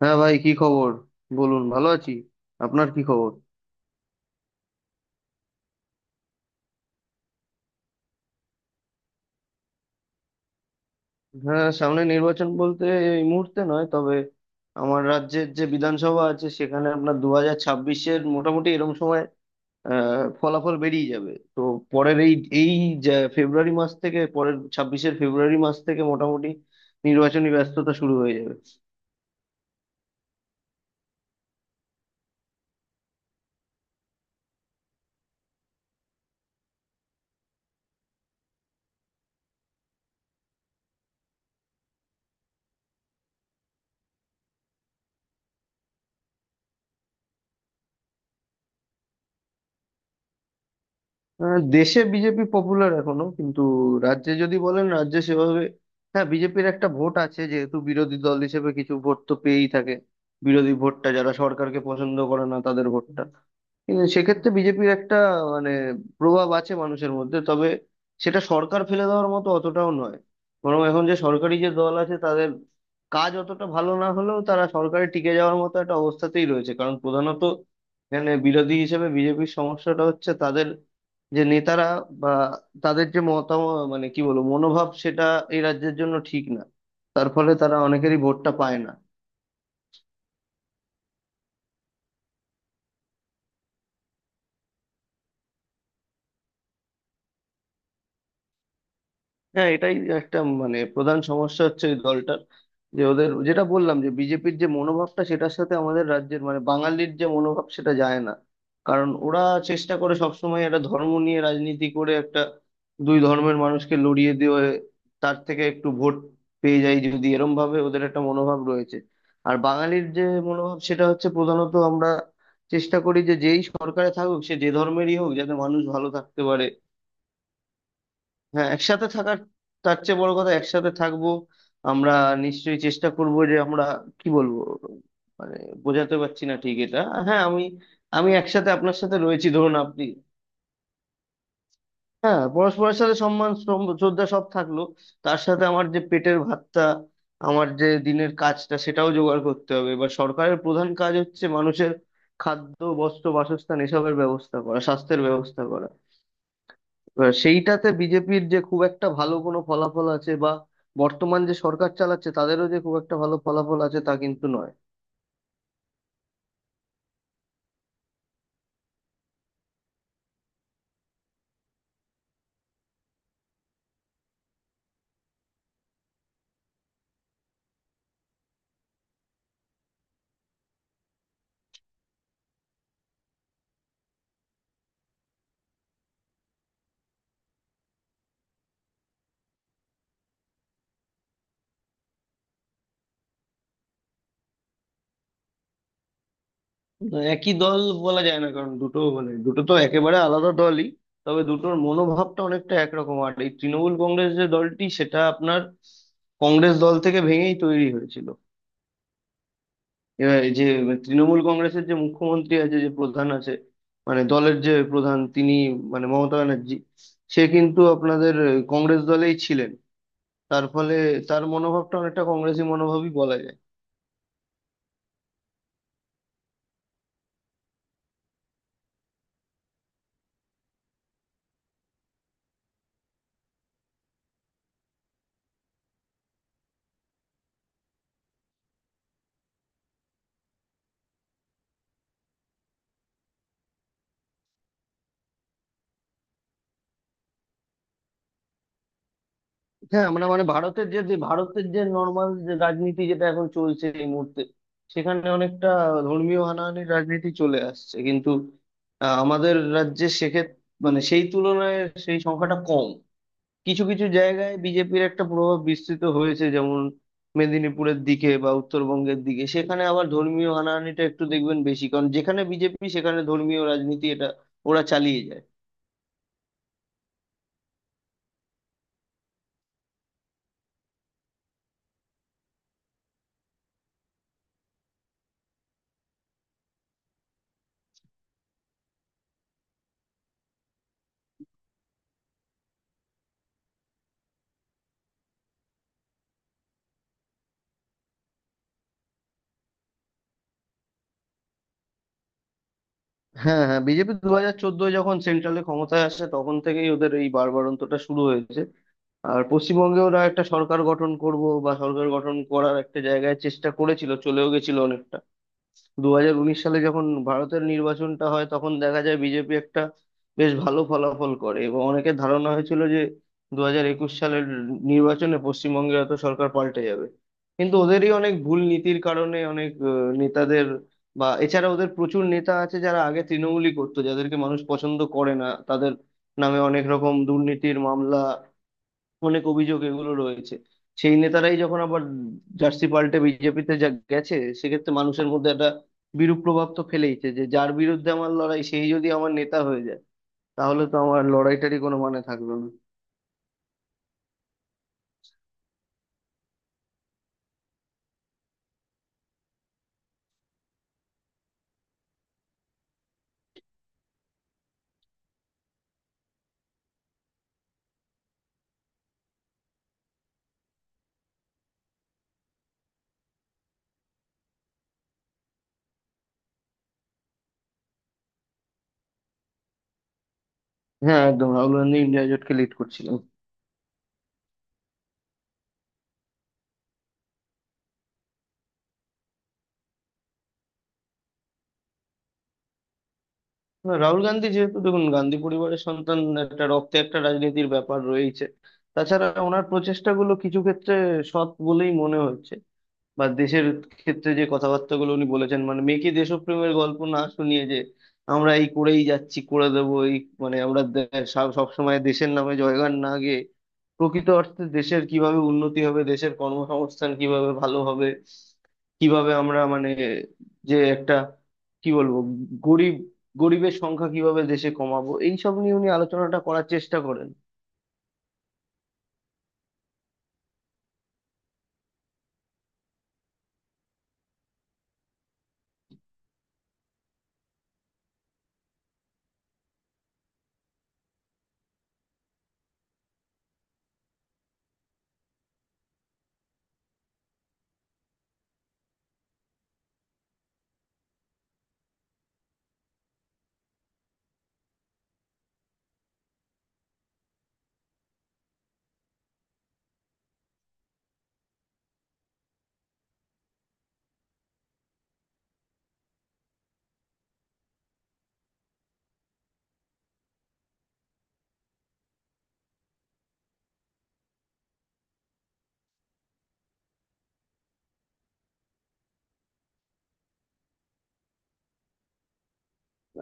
হ্যাঁ ভাই, কি খবর? বলুন, ভালো আছি। আপনার কি খবর? হ্যাঁ, সামনে নির্বাচন বলতে এই মুহূর্তে নয়, তবে আমার রাজ্যের যে বিধানসভা আছে সেখানে আপনার 2026-এর মোটামুটি এরকম সময় ফলাফল বেরিয়ে যাবে। তো পরের এই এই যে ফেব্রুয়ারি মাস থেকে, পরের 26-এর ফেব্রুয়ারি মাস থেকে মোটামুটি নির্বাচনী ব্যস্ততা শুরু হয়ে যাবে। দেশে বিজেপি পপুলার এখনো, কিন্তু রাজ্যে যদি বলেন, রাজ্যে সেভাবে, হ্যাঁ, বিজেপির একটা ভোট আছে, যেহেতু বিরোধী দল হিসেবে কিছু ভোট তো পেয়েই থাকে। বিরোধী ভোটটা, যারা সরকারকে পছন্দ করে না তাদের ভোটটা, কিন্তু সেক্ষেত্রে বিজেপির একটা, মানে, প্রভাব আছে মানুষের মধ্যে। তবে সেটা সরকার ফেলে দেওয়ার মতো অতটাও নয়। বরং এখন যে সরকারি যে দল আছে তাদের কাজ অতটা ভালো না হলেও তারা সরকারে টিকে যাওয়ার মতো একটা অবস্থাতেই রয়েছে, কারণ প্রধানত, মানে বিরোধী হিসেবে বিজেপির সমস্যাটা হচ্ছে তাদের যে নেতারা, বা তাদের যে মতামত, মানে কি বলবো, মনোভাব, সেটা এই রাজ্যের জন্য ঠিক না। তার ফলে তারা অনেকেরই ভোটটা পায় না। হ্যাঁ, এটাই একটা, মানে প্রধান সমস্যা হচ্ছে এই দলটার, যে ওদের, যেটা বললাম, যে বিজেপির যে মনোভাবটা সেটার সাথে আমাদের রাজ্যের, মানে বাঙালির যে মনোভাব, সেটা যায় না। কারণ ওরা চেষ্টা করে সবসময় একটা ধর্ম নিয়ে রাজনীতি করে, একটা দুই ধর্মের মানুষকে লড়িয়ে দিয়ে তার থেকে একটু ভোট পেয়ে যায় যদি, এরম ভাবে ওদের একটা মনোভাব রয়েছে। আর বাঙালির যে মনোভাব সেটা হচ্ছে প্রধানত আমরা চেষ্টা করি যে যেই সরকারে থাকুক, সে যে ধর্মেরই হোক, যাতে মানুষ ভালো থাকতে পারে। হ্যাঁ, একসাথে থাকার, তার চেয়ে বড় কথা একসাথে থাকবো আমরা। নিশ্চয়ই চেষ্টা করব যে আমরা, কি বলবো, মানে বোঝাতে পারছি না ঠিক এটা। হ্যাঁ, আমি আমি একসাথে আপনার সাথে রয়েছি, ধরুন আপনি। হ্যাঁ, পরস্পরের সাথে সম্মান, শ্রদ্ধা সব থাকলো। তার সাথে আমার যে পেটের ভাতটা, আমার যে দিনের কাজটা, সেটাও জোগাড় করতে হবে। এবার সরকারের প্রধান কাজ হচ্ছে মানুষের খাদ্য, বস্ত্র, বাসস্থান এসবের ব্যবস্থা করা, স্বাস্থ্যের ব্যবস্থা করা। এবার সেইটাতে বিজেপির যে খুব একটা ভালো কোনো ফলাফল আছে, বা বর্তমান যে সরকার চালাচ্ছে তাদেরও যে খুব একটা ভালো ফলাফল আছে, তা কিন্তু নয়। একই দল বলা যায় না, কারণ দুটো, মানে দুটো তো একেবারে আলাদা দলই। তবে দুটোর মনোভাবটা অনেকটা একরকম। আর এই তৃণমূল কংগ্রেস যে দলটি, সেটা আপনার কংগ্রেস দল থেকে ভেঙেই তৈরি হয়েছিল। এবার এই যে তৃণমূল কংগ্রেসের যে মুখ্যমন্ত্রী আছে, যে প্রধান আছে, মানে দলের যে প্রধান তিনি, মানে মমতা ব্যানার্জি, সে কিন্তু আপনাদের কংগ্রেস দলেই ছিলেন। তার ফলে তার মনোভাবটা অনেকটা কংগ্রেসী মনোভাবই বলা যায়। হ্যাঁ আমরা, মানে ভারতের যে, ভারতের যে নর্মাল যে রাজনীতি যেটা এখন চলছে এই মুহূর্তে, সেখানে অনেকটা ধর্মীয় হানাহানির রাজনীতি চলে আসছে, কিন্তু আমাদের রাজ্যে সেক্ষেত্রে, মানে সেই তুলনায় সেই সংখ্যাটা কম। কিছু কিছু জায়গায় বিজেপির একটা প্রভাব বিস্তৃত হয়েছে, যেমন মেদিনীপুরের দিকে বা উত্তরবঙ্গের দিকে। সেখানে আবার ধর্মীয় হানাহানিটা একটু দেখবেন বেশি, কারণ যেখানে বিজেপি সেখানে ধর্মীয় রাজনীতি, এটা ওরা চালিয়ে যায়। হ্যাঁ, হ্যাঁ, বিজেপি 2014-য় যখন সেন্ট্রালে ক্ষমতায় আসে তখন থেকেই ওদের এই বাড়বাড়ন্তটা শুরু হয়েছে। আর পশ্চিমবঙ্গে ওরা একটা সরকার গঠন করব বা সরকার গঠন করার একটা জায়গায় চেষ্টা করেছিল, চলেও গেছিল অনেকটা। 2019 সালে যখন ভারতের নির্বাচনটা হয় তখন দেখা যায় বিজেপি একটা বেশ ভালো ফলাফল করে এবং অনেকের ধারণা হয়েছিল যে 2021 সালের নির্বাচনে পশ্চিমবঙ্গের হয়তো সরকার পাল্টে যাবে। কিন্তু ওদেরই অনেক ভুল নীতির কারণে, অনেক নেতাদের, বা এছাড়া ওদের প্রচুর নেতা আছে যারা আগে তৃণমূলই করতো, যাদেরকে মানুষ পছন্দ করে না, তাদের নামে অনেক রকম দুর্নীতির মামলা, অনেক অভিযোগ এগুলো রয়েছে। সেই নেতারাই যখন আবার জার্সি পাল্টে বিজেপিতে যা গেছে, সেক্ষেত্রে মানুষের মধ্যে একটা বিরূপ প্রভাব তো ফেলেইছে, যে যার বিরুদ্ধে আমার লড়াই সেই যদি আমার নেতা হয়ে যায়, তাহলে তো আমার লড়াইটারই কোনো মানে থাকলো না। হ্যাঁ একদম, রাহুল গান্ধী ইন্ডিয়া জোটকে লিড করছিলেন। না, রাহুল গান্ধী যেহেতু, দেখুন, গান্ধী পরিবারের সন্তান, একটা রক্তে একটা রাজনীতির ব্যাপার রয়েছে। তাছাড়া ওনার প্রচেষ্টাগুলো কিছু ক্ষেত্রে সৎ বলেই মনে হচ্ছে। বা দেশের ক্ষেত্রে যে কথাবার্তাগুলো উনি বলেছেন, মানে মেয়েকে দেশপ্রেমের গল্প না শুনিয়ে যে আমরা এই করেই যাচ্ছি, করে দেবো এই, মানে সব সময় দেশের নামে জয়গান না গেয়ে প্রকৃত অর্থে দেশের কিভাবে উন্নতি হবে, দেশের কর্মসংস্থান কিভাবে ভালো হবে, কিভাবে আমরা, মানে যে একটা, কি বলবো, গরিব, গরিবের সংখ্যা কিভাবে দেশে কমাবো, এইসব নিয়ে উনি আলোচনাটা করার চেষ্টা করেন।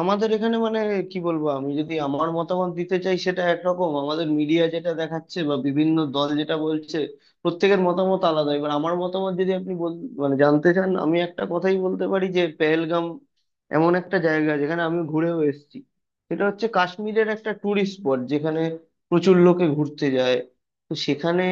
আমাদের এখানে, মানে, কি বলবো, আমি যদি আমার মতামত দিতে চাই সেটা একরকম, আমাদের মিডিয়া যেটা দেখাচ্ছে বা বিভিন্ন দল যেটা বলছে প্রত্যেকের মতামত আলাদা। এবার আমার মতামত যদি আপনি মানে জানতে চান, আমি একটা কথাই বলতে পারি যে পেহেলগাম এমন একটা জায়গা যেখানে আমি ঘুরেও এসেছি। সেটা হচ্ছে কাশ্মীরের একটা ট্যুরিস্ট স্পট যেখানে প্রচুর লোকে ঘুরতে যায়। তো সেখানে,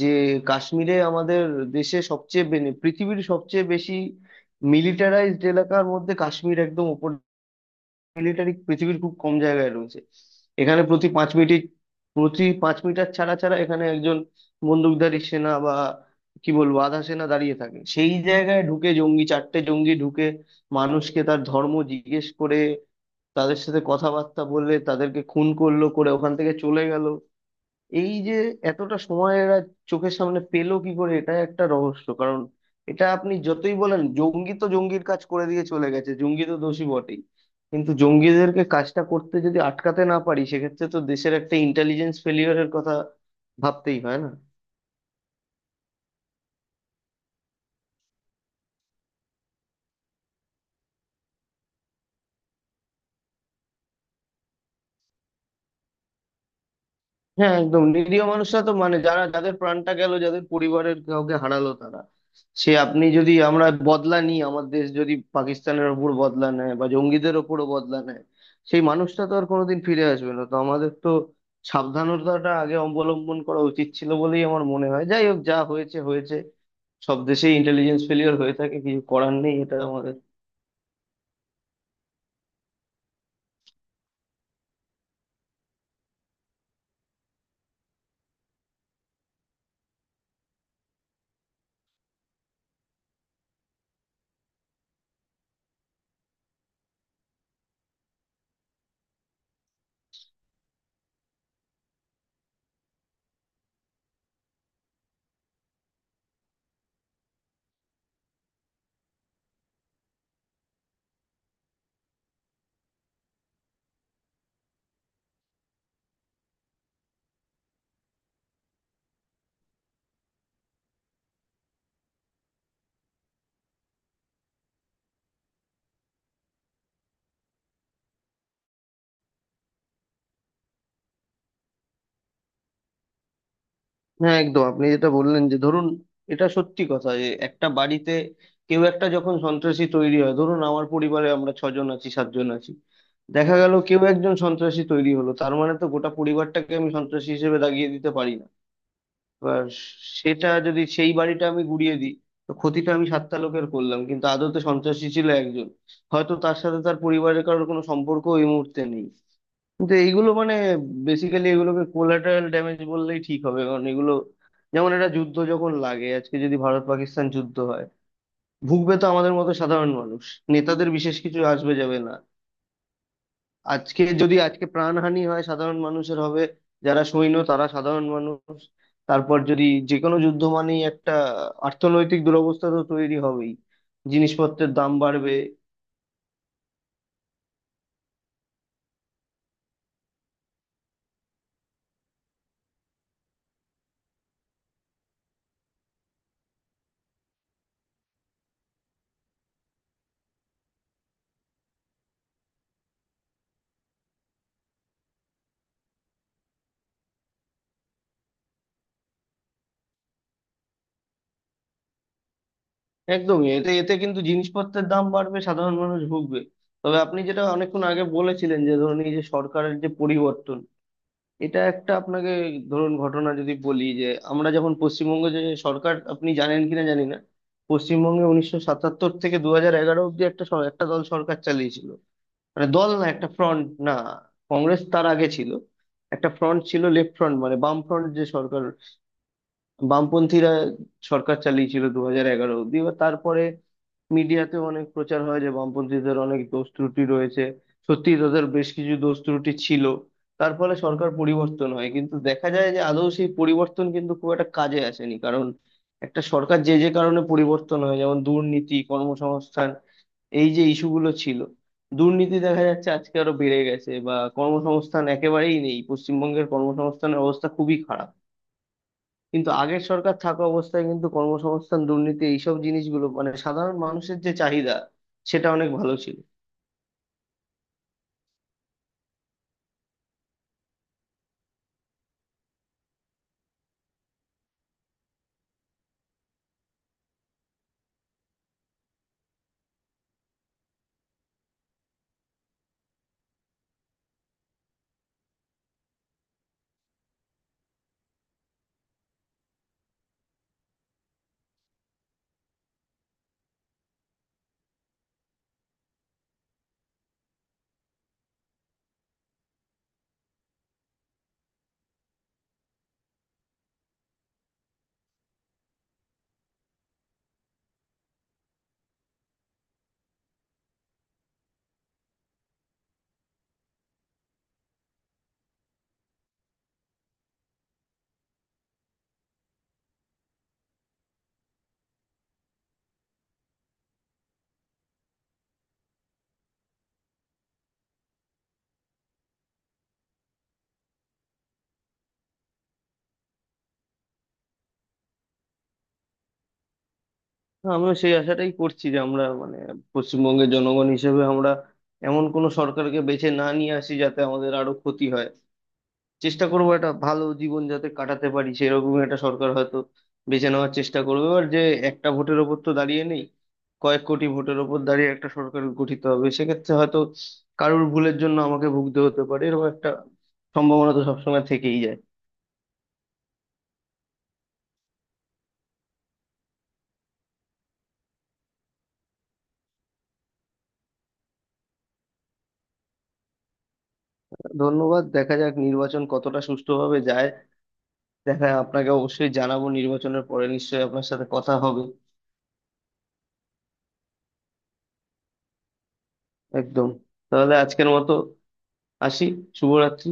যে কাশ্মীরে আমাদের দেশে সবচেয়ে বেনে পৃথিবীর সবচেয়ে বেশি মিলিটারাইজড এলাকার মধ্যে কাশ্মীর একদম, মিলিটারি পৃথিবীর খুব কম জায়গায় রয়েছে। এখানে প্রতি 5 মিনিট, প্রতি 5 মিটার ছাড়া ছাড়া এখানে একজন বন্দুকধারী সেনা বা, কি বলবো, আধা সেনা দাঁড়িয়ে থাকে। সেই জায়গায় ঢুকে জঙ্গি, চারটে জঙ্গি ঢুকে মানুষকে তার ধর্ম জিজ্ঞেস করে, তাদের সাথে কথাবার্তা বলে, তাদেরকে খুন করলো করে ওখান থেকে চলে গেল। এই যে এতটা সময় এরা চোখের সামনে পেলো কি করে, এটা একটা রহস্য। কারণ এটা আপনি যতই বলেন জঙ্গি, তো জঙ্গির কাজ করে দিয়ে চলে গেছে, জঙ্গি তো দোষী বটেই, কিন্তু জঙ্গিদেরকে কাজটা করতে যদি আটকাতে না পারি সেক্ষেত্রে তো দেশের একটা ইন্টেলিজেন্স ফেলিওরের কথা ভাবতেই হয় না। হ্যাঁ একদম, নিরীহ মানুষরা তো, মানে যারা, যাদের প্রাণটা গেল, যাদের পরিবারের কাউকে হারালো, তারা, সে আপনি যদি, আমরা বদলা নিই, আমার দেশ যদি পাকিস্তানের ওপর বদলা নেয় বা জঙ্গিদের ওপরও বদলা নেয়, সেই মানুষটা তো আর কোনোদিন ফিরে আসবে না। তো আমাদের তো সাবধানতাটা আগে অবলম্বন করা উচিত ছিল বলেই আমার মনে হয়। যাই হোক, যা হয়েছে হয়েছে। সব দেশেই ইন্টেলিজেন্স ফেলিওর হয়ে থাকে, কিছু করার নেই, এটা আমাদের। হ্যাঁ একদম, আপনি যেটা বললেন, যে ধরুন, এটা সত্যি কথা যে একটা বাড়িতে কেউ একটা যখন সন্ত্রাসী তৈরি হয়, ধরুন আমার পরিবারে আমরা ছজন আছি, সাতজন আছি, দেখা গেল কেউ একজন সন্ত্রাসী তৈরি হলো, তার মানে তো গোটা পরিবারটাকে আমি সন্ত্রাসী হিসেবে দাগিয়ে দিতে পারি না। এবার সেটা যদি, সেই বাড়িটা আমি গুড়িয়ে দিই, তো ক্ষতিটা আমি সাতটা লোকের করলাম, কিন্তু আদতে সন্ত্রাসী ছিল একজন। হয়তো তার সাথে তার পরিবারের কারোর কোনো সম্পর্ক এই মুহূর্তে নেই। কিন্তু এইগুলো, মানে বেসিক্যালি এগুলোকে কোলাটারাল ড্যামেজ বললেই ঠিক হবে, কারণ এগুলো, যেমন একটা যুদ্ধ যখন লাগে, আজকে যদি ভারত পাকিস্তান যুদ্ধ হয়, ভুগবে তো আমাদের মতো সাধারণ মানুষ। নেতাদের বিশেষ কিছু আসবে যাবে না। আজকে যদি, আজকে প্রাণহানি হয়, সাধারণ মানুষের হবে। যারা সৈন্য তারা সাধারণ মানুষ। তারপর যদি, যে কোনো যুদ্ধ মানেই একটা অর্থনৈতিক দুরবস্থা তো তৈরি হবেই, জিনিসপত্রের দাম বাড়বে। একদমই এতে এতে কিন্তু জিনিসপত্রের দাম বাড়বে, সাধারণ মানুষ ভুগবে। তবে আপনি যেটা অনেকক্ষণ আগে বলেছিলেন, যে ধরুন, এই যে সরকারের যে পরিবর্তন, এটা একটা আপনাকে, ধরুন ঘটনা যদি বলি, যে আমরা যখন পশ্চিমবঙ্গে যে সরকার, আপনি জানেন কিনা জানি না, পশ্চিমবঙ্গে 1977 থেকে 2011 অব্দি একটা একটা দল সরকার চালিয়েছিল, মানে দল না, একটা ফ্রন্ট, না কংগ্রেস তার আগে ছিল, একটা ফ্রন্ট ছিল, লেফট ফ্রন্ট, মানে বাম ফ্রন্ট যে সরকার, বামপন্থীরা সরকার চালিয়েছিল 2011 অব্দি। এবার তারপরে মিডিয়াতে অনেক প্রচার হয় যে বামপন্থীদের অনেক দোষ ত্রুটি রয়েছে। সত্যি তাদের বেশ কিছু দোষ ত্রুটি ছিল, তার ফলে সরকার পরিবর্তন হয়। কিন্তু দেখা যায় যে আদৌ সেই পরিবর্তন কিন্তু খুব একটা কাজে আসেনি, কারণ একটা সরকার যে যে কারণে পরিবর্তন হয়, যেমন দুর্নীতি, কর্মসংস্থান, এই যে ইস্যুগুলো ছিল, দুর্নীতি দেখা যাচ্ছে আজকে আরো বেড়ে গেছে, বা কর্মসংস্থান একেবারেই নেই, পশ্চিমবঙ্গের কর্মসংস্থানের অবস্থা খুবই খারাপ। কিন্তু আগের সরকার থাকা অবস্থায় কিন্তু কর্মসংস্থান, দুর্নীতি, এইসব জিনিসগুলো, মানে সাধারণ মানুষের যে চাহিদা, সেটা অনেক ভালো ছিল। তো আমিও সেই আশাটাই করছি যে আমরা, মানে পশ্চিমবঙ্গের জনগণ হিসেবে আমরা এমন কোনো সরকারকে বেছে না নিয়ে আসি যাতে আমাদের আরো ক্ষতি হয়। চেষ্টা করবো একটা ভালো জীবন যাতে কাটাতে পারি সেরকম একটা সরকার হয়তো বেছে নেওয়ার চেষ্টা করবে। আর যে একটা ভোটের ওপর তো দাঁড়িয়ে নেই, কয়েক কোটি ভোটের ওপর দাঁড়িয়ে একটা সরকার গঠিত হবে, সেক্ষেত্রে হয়তো কারোর ভুলের জন্য আমাকে ভুগতে হতে পারে, এরকম একটা সম্ভাবনা তো সবসময় থেকেই যায়। ধন্যবাদ। দেখা যাক নির্বাচন কতটা সুষ্ঠুভাবে যায়। দেখা আপনাকে অবশ্যই জানাবো, নির্বাচনের পরে নিশ্চয়ই আপনার সাথে কথা হবে। একদম। তাহলে আজকের মতো আসি। শুভরাত্রি।